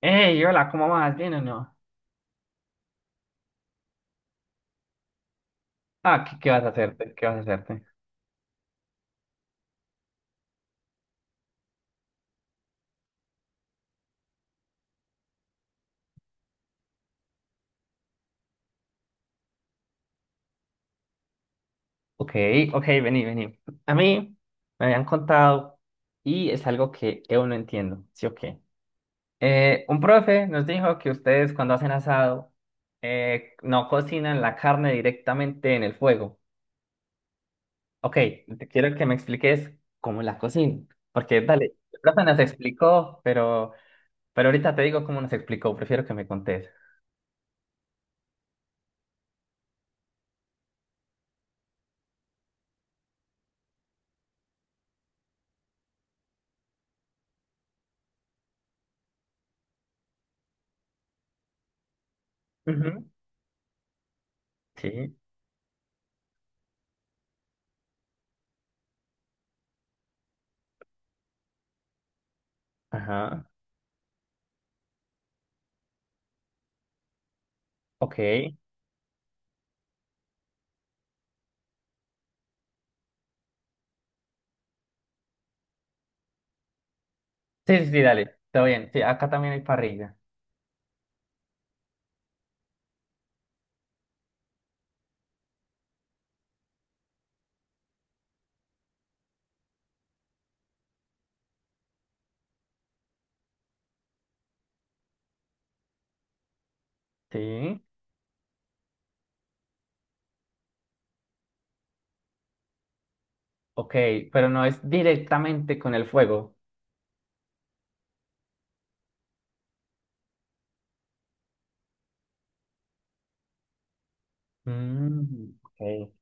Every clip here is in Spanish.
Hey, hola, ¿cómo vas? ¿Bien o no? Ah, ¿qué vas a hacerte? Ok, ok, vení. A mí me habían contado y es algo que yo no entiendo, ¿sí o qué? Un profe nos dijo que ustedes cuando hacen asado no cocinan la carne directamente en el fuego. Ok, te quiero que me expliques cómo la cocinan, porque dale, el profe nos explicó, pero ahorita te digo cómo nos explicó, prefiero que me contes. Ujú. Sí, ajá, ok. Sí, sí, sí, dale, todo bien. Sí, acá también hay parrilla. Sí, ok, pero no es directamente con el fuego. Mm, ok.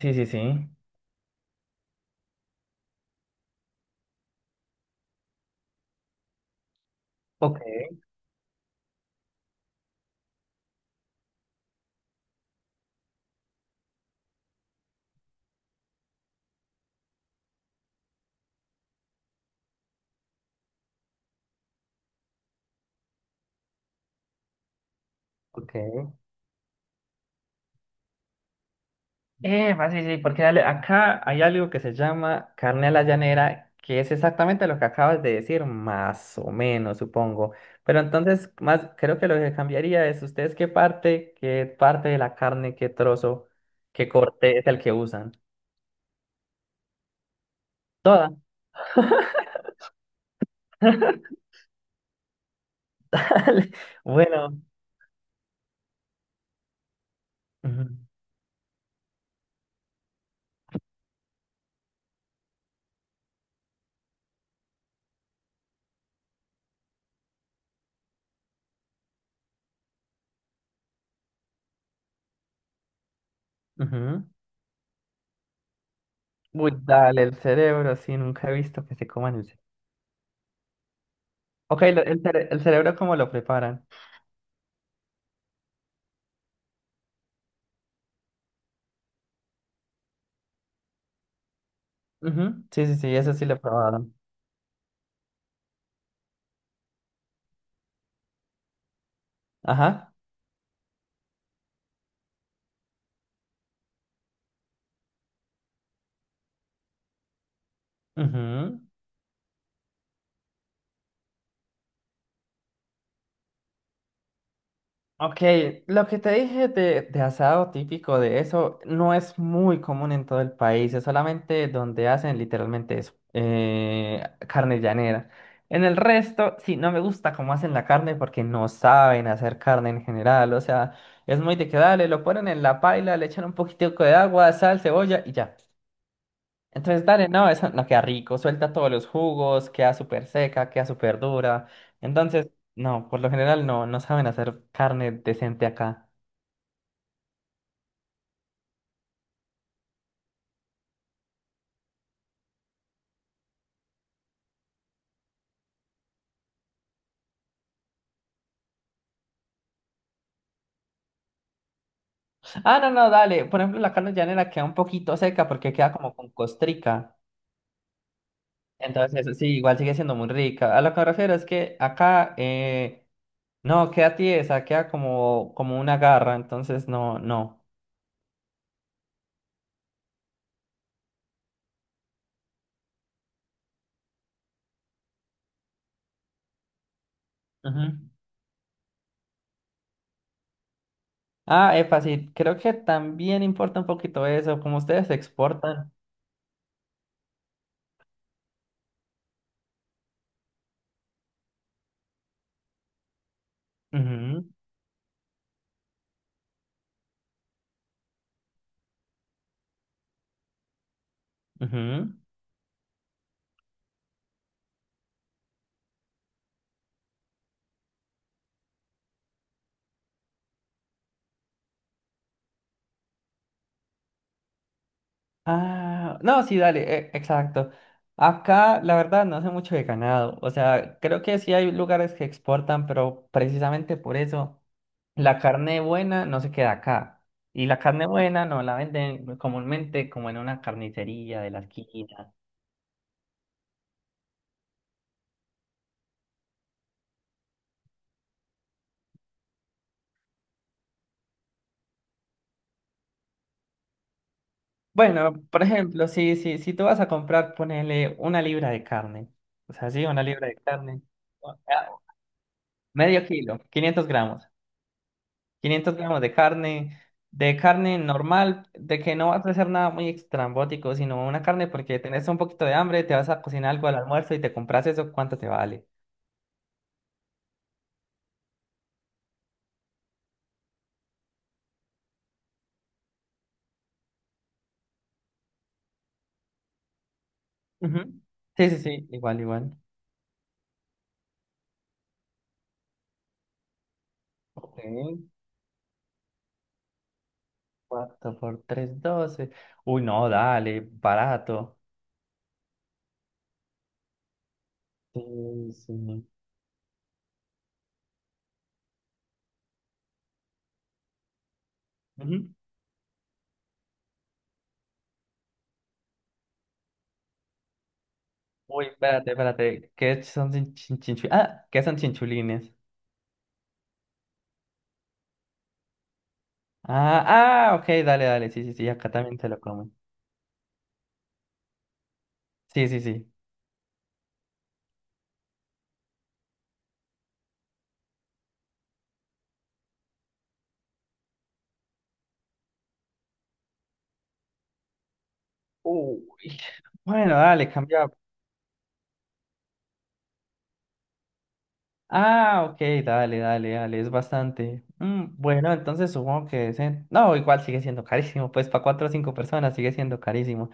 Sí, sí, sí. Ok, ok. Sí, sí, porque dale, acá hay algo que se llama carne a la llanera, que es exactamente lo que acabas de decir, más o menos, supongo. Pero entonces, más, creo que lo que cambiaría es ustedes qué parte de la carne, qué trozo, qué corte es el que usan. Toda. Dale, bueno. Ujú. Ujú. Uy, dale, el cerebro, sí, nunca he visto que se coman el cerebro. Ok, el cerebro, ¿cómo lo preparan? Ujú, sí, sí, sí, eso sí lo probaron. Ajá. Ujú. Ok, lo que te dije de asado típico de eso no es muy común en todo el país, es solamente donde hacen literalmente eso, carne llanera. En el resto, sí, no me gusta cómo hacen la carne porque no saben hacer carne en general, o sea, es muy de que dale, lo ponen en la paila, le echan un poquitico de agua, sal, cebolla y ya. Entonces, dale, no, eso no queda rico, suelta todos los jugos, queda súper seca, queda súper dura. Entonces, no, por lo general no, no saben hacer carne decente acá. Ah, no, no, dale, por ejemplo, la carne llanera queda un poquito seca porque queda como con costrica. Entonces, eso sí, igual sigue siendo muy rica. A lo que me refiero es que acá, no, queda tiesa, queda como, como una garra, entonces no, no. Ujú. Ah, epa, sí creo que también importa un poquito eso, como ustedes exportan. Ujú. Ujú. Ah, no, sí, dale, exacto. Acá, la verdad, no sé mucho de ganado. O sea, creo que sí hay lugares que exportan, pero precisamente por eso la carne buena no se queda acá. Y la carne buena no la venden comúnmente como en una carnicería de la esquina. Bueno, por ejemplo, si tú vas a comprar, ponele una libra de carne. O sea, sí, una libra de carne. Ah, medio kilo, 500 gramos. Quinientos gramos de carne normal, de que no vas a hacer nada muy extrambótico, sino una carne porque tenés un poquito de hambre, te vas a cocinar algo al almuerzo y te compras eso, ¿cuánto te vale? Ujú. Sí, sí, sí, igual, igual. Ok, 4 por 3 doce. Uy, no, dale, barato. Sí, sí. Ujú. Uy, espérate, espérate. ¿Qué son chin- chin- chinchu- Ah, ¿qué son chinchulines? Ah, ah, ok, dale, dale. Sí, sí, sí, acá también se lo comen. Sí, sí, sí. Uy, bueno, dale, cambia. Ah, ok, dale, dale, dale, es bastante. Mm, bueno, entonces supongo que... es en- No, igual sigue siendo carísimo, pues para cuatro o cinco personas sigue siendo carísimo.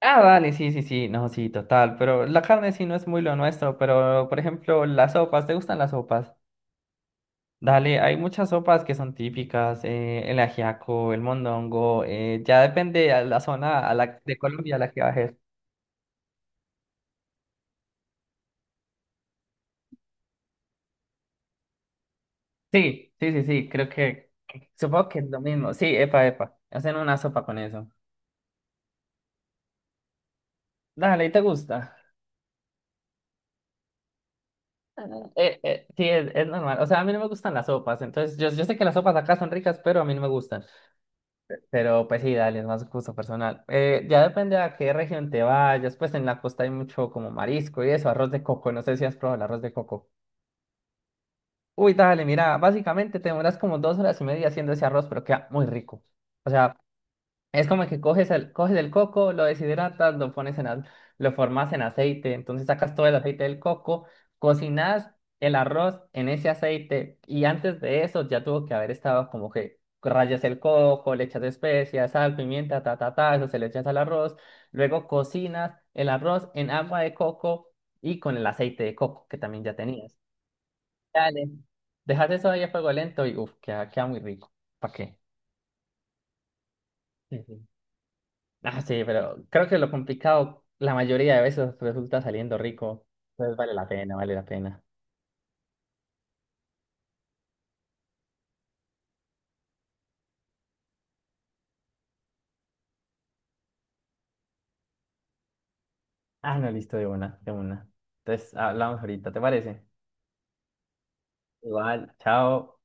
Ah, dale, sí, sí, sí, no, sí, total, pero la carne sí no es muy lo nuestro, pero por ejemplo, las sopas, ¿te gustan las sopas? Dale, hay muchas sopas que son típicas, el ajiaco, el mondongo, ya depende a la zona a la, de Colombia a la que bajes. Sí, sí, sí, sí, creo supongo que es lo mismo. Sí, epa, epa, hacen una sopa con eso. Dale, ¿y te gusta? Ah, sí, es normal. O sea, a mí no me gustan las sopas, entonces yo sé que las sopas acá son ricas, pero a mí no me gustan. Pero pues sí, dale, es más gusto personal. Ya depende a qué región te vayas, pues en la costa hay mucho como marisco y eso, arroz de coco, no sé si has probado el arroz de coco. Uy, dale, mira, básicamente te demoras como 2 horas y media haciendo ese arroz, pero queda muy rico. O sea, es como que coges el coco, lo deshidratas, lo formas en aceite, entonces sacas todo el aceite del coco, cocinas el arroz en ese aceite y antes de eso ya tuvo que haber estado como que rayas el coco, le echas especias, sal, pimienta, ta, ta, ta, eso se le echas al arroz, luego cocinas el arroz en agua de coco y con el aceite de coco que también ya tenías. Dale. Dejas eso ahí a fuego lento y uff, queda, queda muy rico. ¿Para qué? Ah, sí, pero creo que lo complicado la mayoría de veces resulta saliendo rico. Entonces vale la pena, vale la pena. Ah, no, listo, de una, de una. Entonces hablamos ahorita, ¿te parece? Igual. Chao.